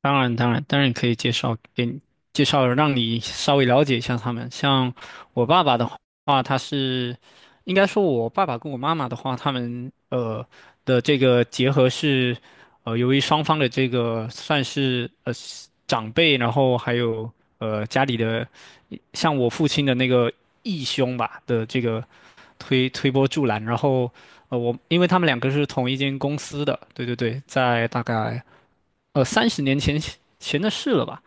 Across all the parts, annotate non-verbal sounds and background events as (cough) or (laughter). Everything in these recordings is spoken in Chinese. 当然，当然，当然可以介绍给你，介绍让你稍微了解一下他们。像我爸爸的话，他是应该说，我爸爸跟我妈妈的话，他们的这个结合是，由于双方的这个算是长辈，然后还有家里的，像我父亲的那个义兄吧的这个推波助澜，然后我因为他们两个是同一间公司的，对对对，在大概。30年前的事了吧？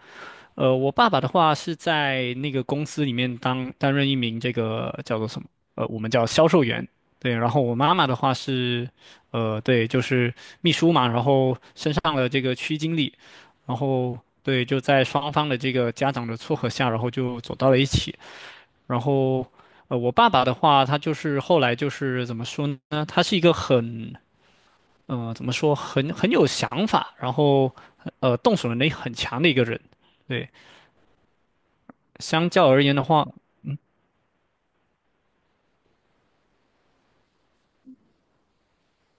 我爸爸的话是在那个公司里面当担任一名这个叫做什么？我们叫销售员。对，然后我妈妈的话是，对，就是秘书嘛，然后升上了这个区经理，然后对，就在双方的这个家长的撮合下，然后就走到了一起。然后，我爸爸的话，他就是后来就是怎么说呢？他是一个很怎么说，很有想法，然后动手能力很强的一个人。对，相较而言的话，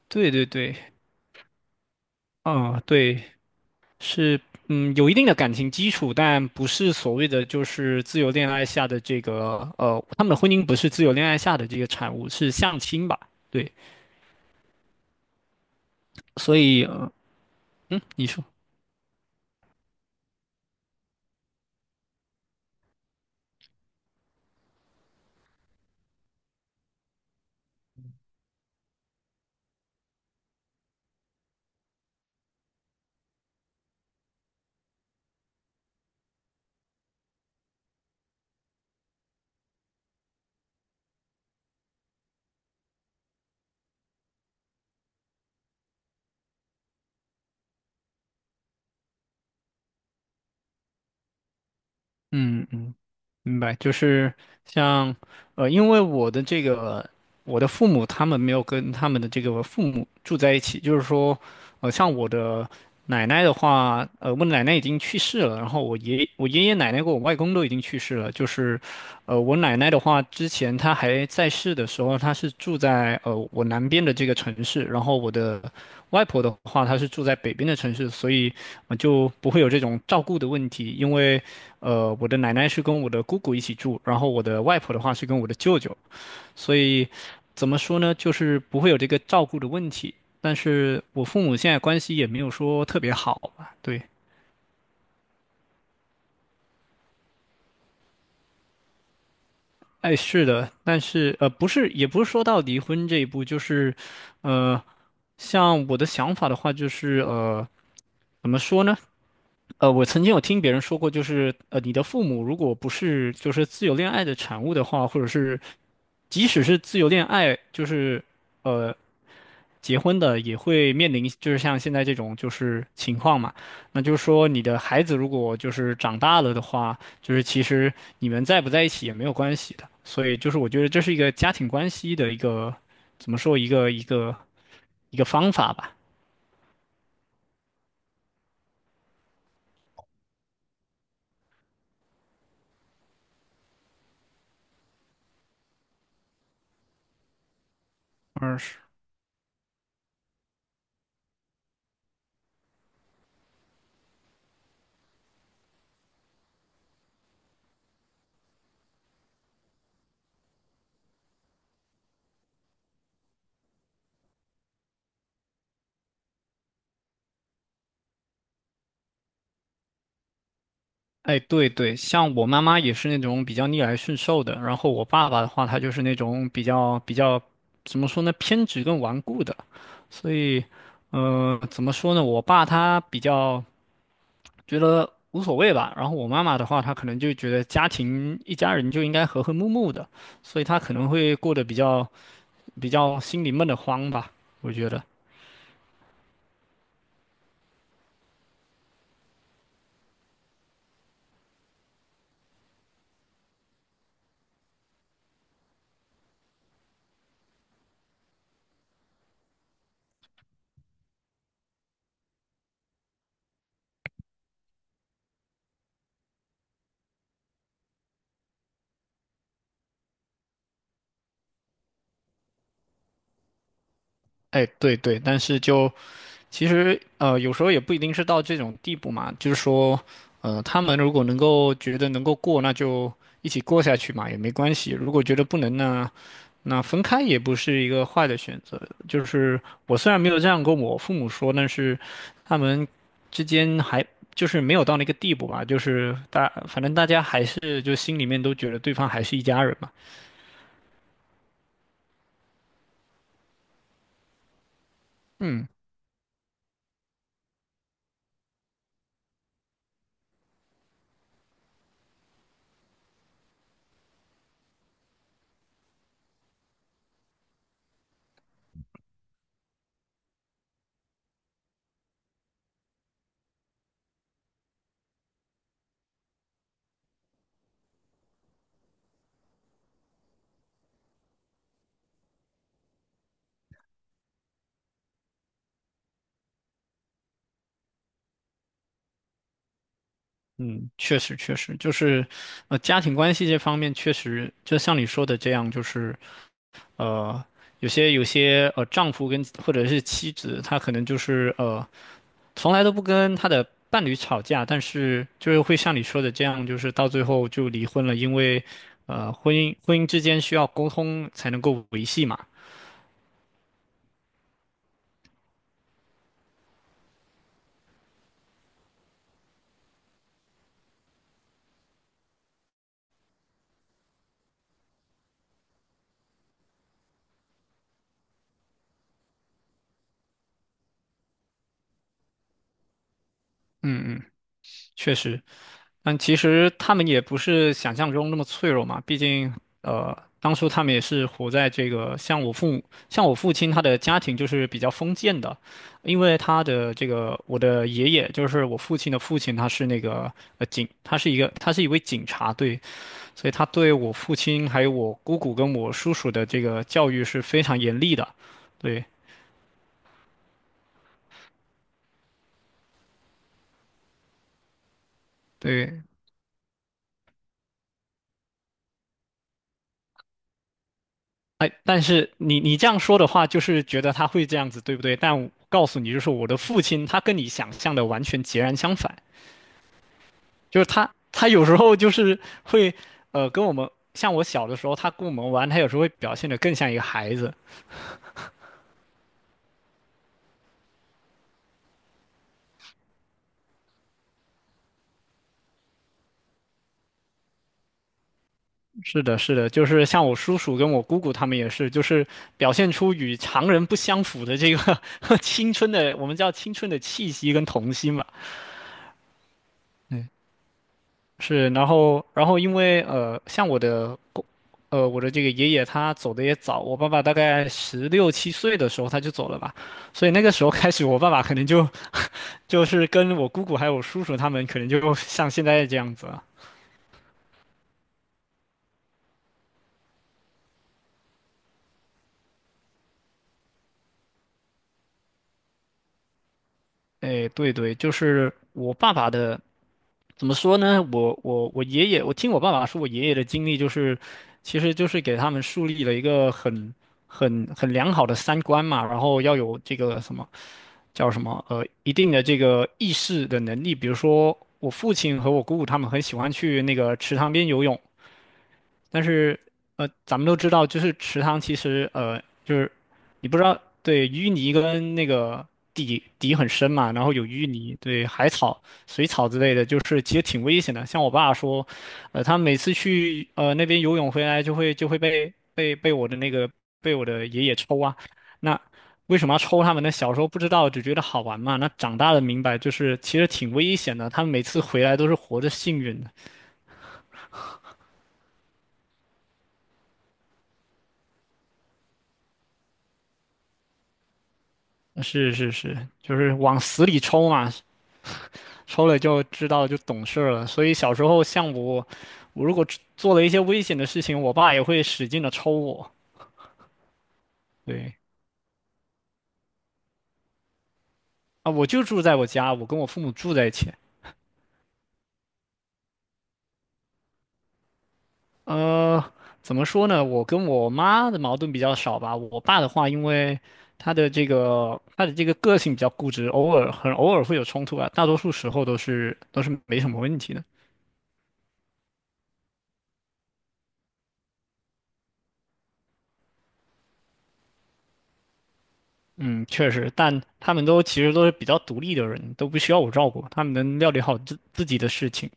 对对对，嗯，对，是嗯，有一定的感情基础，但不是所谓的就是自由恋爱下的这个,他们的婚姻不是自由恋爱下的这个产物，是相亲吧？对，所以嗯，你说。嗯嗯，明白，就是像，因为我的这个，我的父母他们没有跟他们的这个父母住在一起，就是说，像我的奶奶的话，我奶奶已经去世了，然后我爷爷奶奶跟我外公都已经去世了，就是，我奶奶的话，之前她还在世的时候，她是住在我南边的这个城市，然后我的外婆的话，她是住在北边的城市，所以我就不会有这种照顾的问题，因为。我的奶奶是跟我的姑姑一起住，然后我的外婆的话是跟我的舅舅，所以怎么说呢，就是不会有这个照顾的问题。但是我父母现在关系也没有说特别好吧？对，哎，是的，但是,不是，也不是说到离婚这一步，就是，呃，像我的想法的话，就是,怎么说呢？我曾经有听别人说过，就是,你的父母如果不是就是自由恋爱的产物的话，或者是即使是自由恋爱，就是呃结婚的，也会面临就是像现在这种就是情况嘛。那就是说，你的孩子如果就是长大了的话，就是其实你们在不在一起也没有关系的。所以就是我觉得这是一个家庭关系的一个怎么说一个一个方法吧。嗯，是哎，对对，像我妈妈也是那种比较逆来顺受的，然后我爸爸的话，他就是那种比较，怎么说呢，偏执跟顽固的。所以，怎么说呢，我爸他比较觉得无所谓吧，然后我妈妈的话，她可能就觉得家庭一家人就应该和和睦睦的，所以她可能会过得比较心里闷得慌吧，我觉得。哎，对对，但是就其实,有时候也不一定是到这种地步嘛，就是说，他们如果能够觉得能够过，那就一起过下去嘛，也没关系。如果觉得不能呢，那分开也不是一个坏的选择。就是我虽然没有这样跟我父母说，但是他们之间还就是没有到那个地步吧，就是大，反正大家还是就心里面都觉得对方还是一家人嘛。嗯。嗯，确实确实，就是，家庭关系这方面确实，就像你说的这样，就是呃，有些丈夫跟或者是妻子，他可能就是从来都不跟他的伴侣吵架，但是就是会像你说的这样，就是到最后就离婚了，因为婚姻之间需要沟通才能够维系嘛。嗯嗯，确实。但其实他们也不是想象中那么脆弱嘛，毕竟，当初他们也是活在这个像我父母，像我父亲他的家庭就是比较封建的，因为他的这个我的爷爷就是我父亲的父亲，他是那个他是他是一位警察，对，所以他对我父亲还有我姑姑跟我叔叔的这个教育是非常严厉的，对对，哎，但是你这样说的话，就是觉得他会这样子，对不对？但我告诉你，就是我的父亲，他跟你想象的完全截然相反，就是他有时候就是会，跟我们像我小的时候，他跟我们玩，他有时候会表现得更像一个孩子。是的，是的，就是像我叔叔跟我姑姑他们也是，就是表现出与常人不相符的这个 (laughs) 青春的，我们叫青春的气息跟童心嘛。是，然后，然后因为,像我的我的这个爷爷他走的也早，我爸爸大概16、7岁的时候他就走了吧，所以那个时候开始，我爸爸可能就就是跟我姑姑还有我叔叔他们，可能就 (laughs) 像现在这样子了。哎，对对，就是我爸爸的，怎么说呢？我爷爷，我听我爸爸说，我爷爷的经历就是，其实就是给他们树立了一个很良好的三观嘛，然后要有这个什么。叫什么一定的这个意识的能力，比如说我父亲和我姑姑他们很喜欢去那个池塘边游泳，但是咱们都知道，就是池塘其实,就是你不知道，对，淤泥跟那个底很深嘛，然后有淤泥，对，海草、水草之类的，就是其实挺危险的。像我爸说，他每次去那边游泳回来，就会被我的那个被我的爷爷抽啊。那为什么要抽他们呢？小时候不知道，只觉得好玩嘛。那长大了明白，就是其实挺危险的。他们每次回来都是活着幸运的。是是是，就是往死里抽嘛，抽了就知道就懂事儿了。所以小时候像我，我如果做了一些危险的事情，我爸也会使劲的抽我。对啊，我就住在我家，我跟我父母住在一起。呃，怎么说呢？我跟我妈的矛盾比较少吧。我爸的话，因为他的这个个性比较固执，偶尔很偶尔会有冲突啊，大多数时候都是没什么问题的。嗯，确实，但他们都其实都是比较独立的人，都不需要我照顾，他们能料理好自己的事情。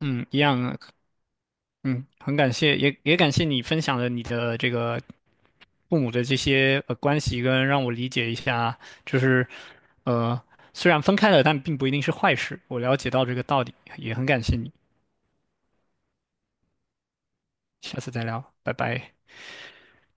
嗯，一样啊嗯，很感谢，也感谢你分享了你的这个父母的这些关系，跟让我理解一下，就是呃虽然分开了，但并不一定是坏事。我了解到这个道理，也很感谢你，下次再聊，拜拜。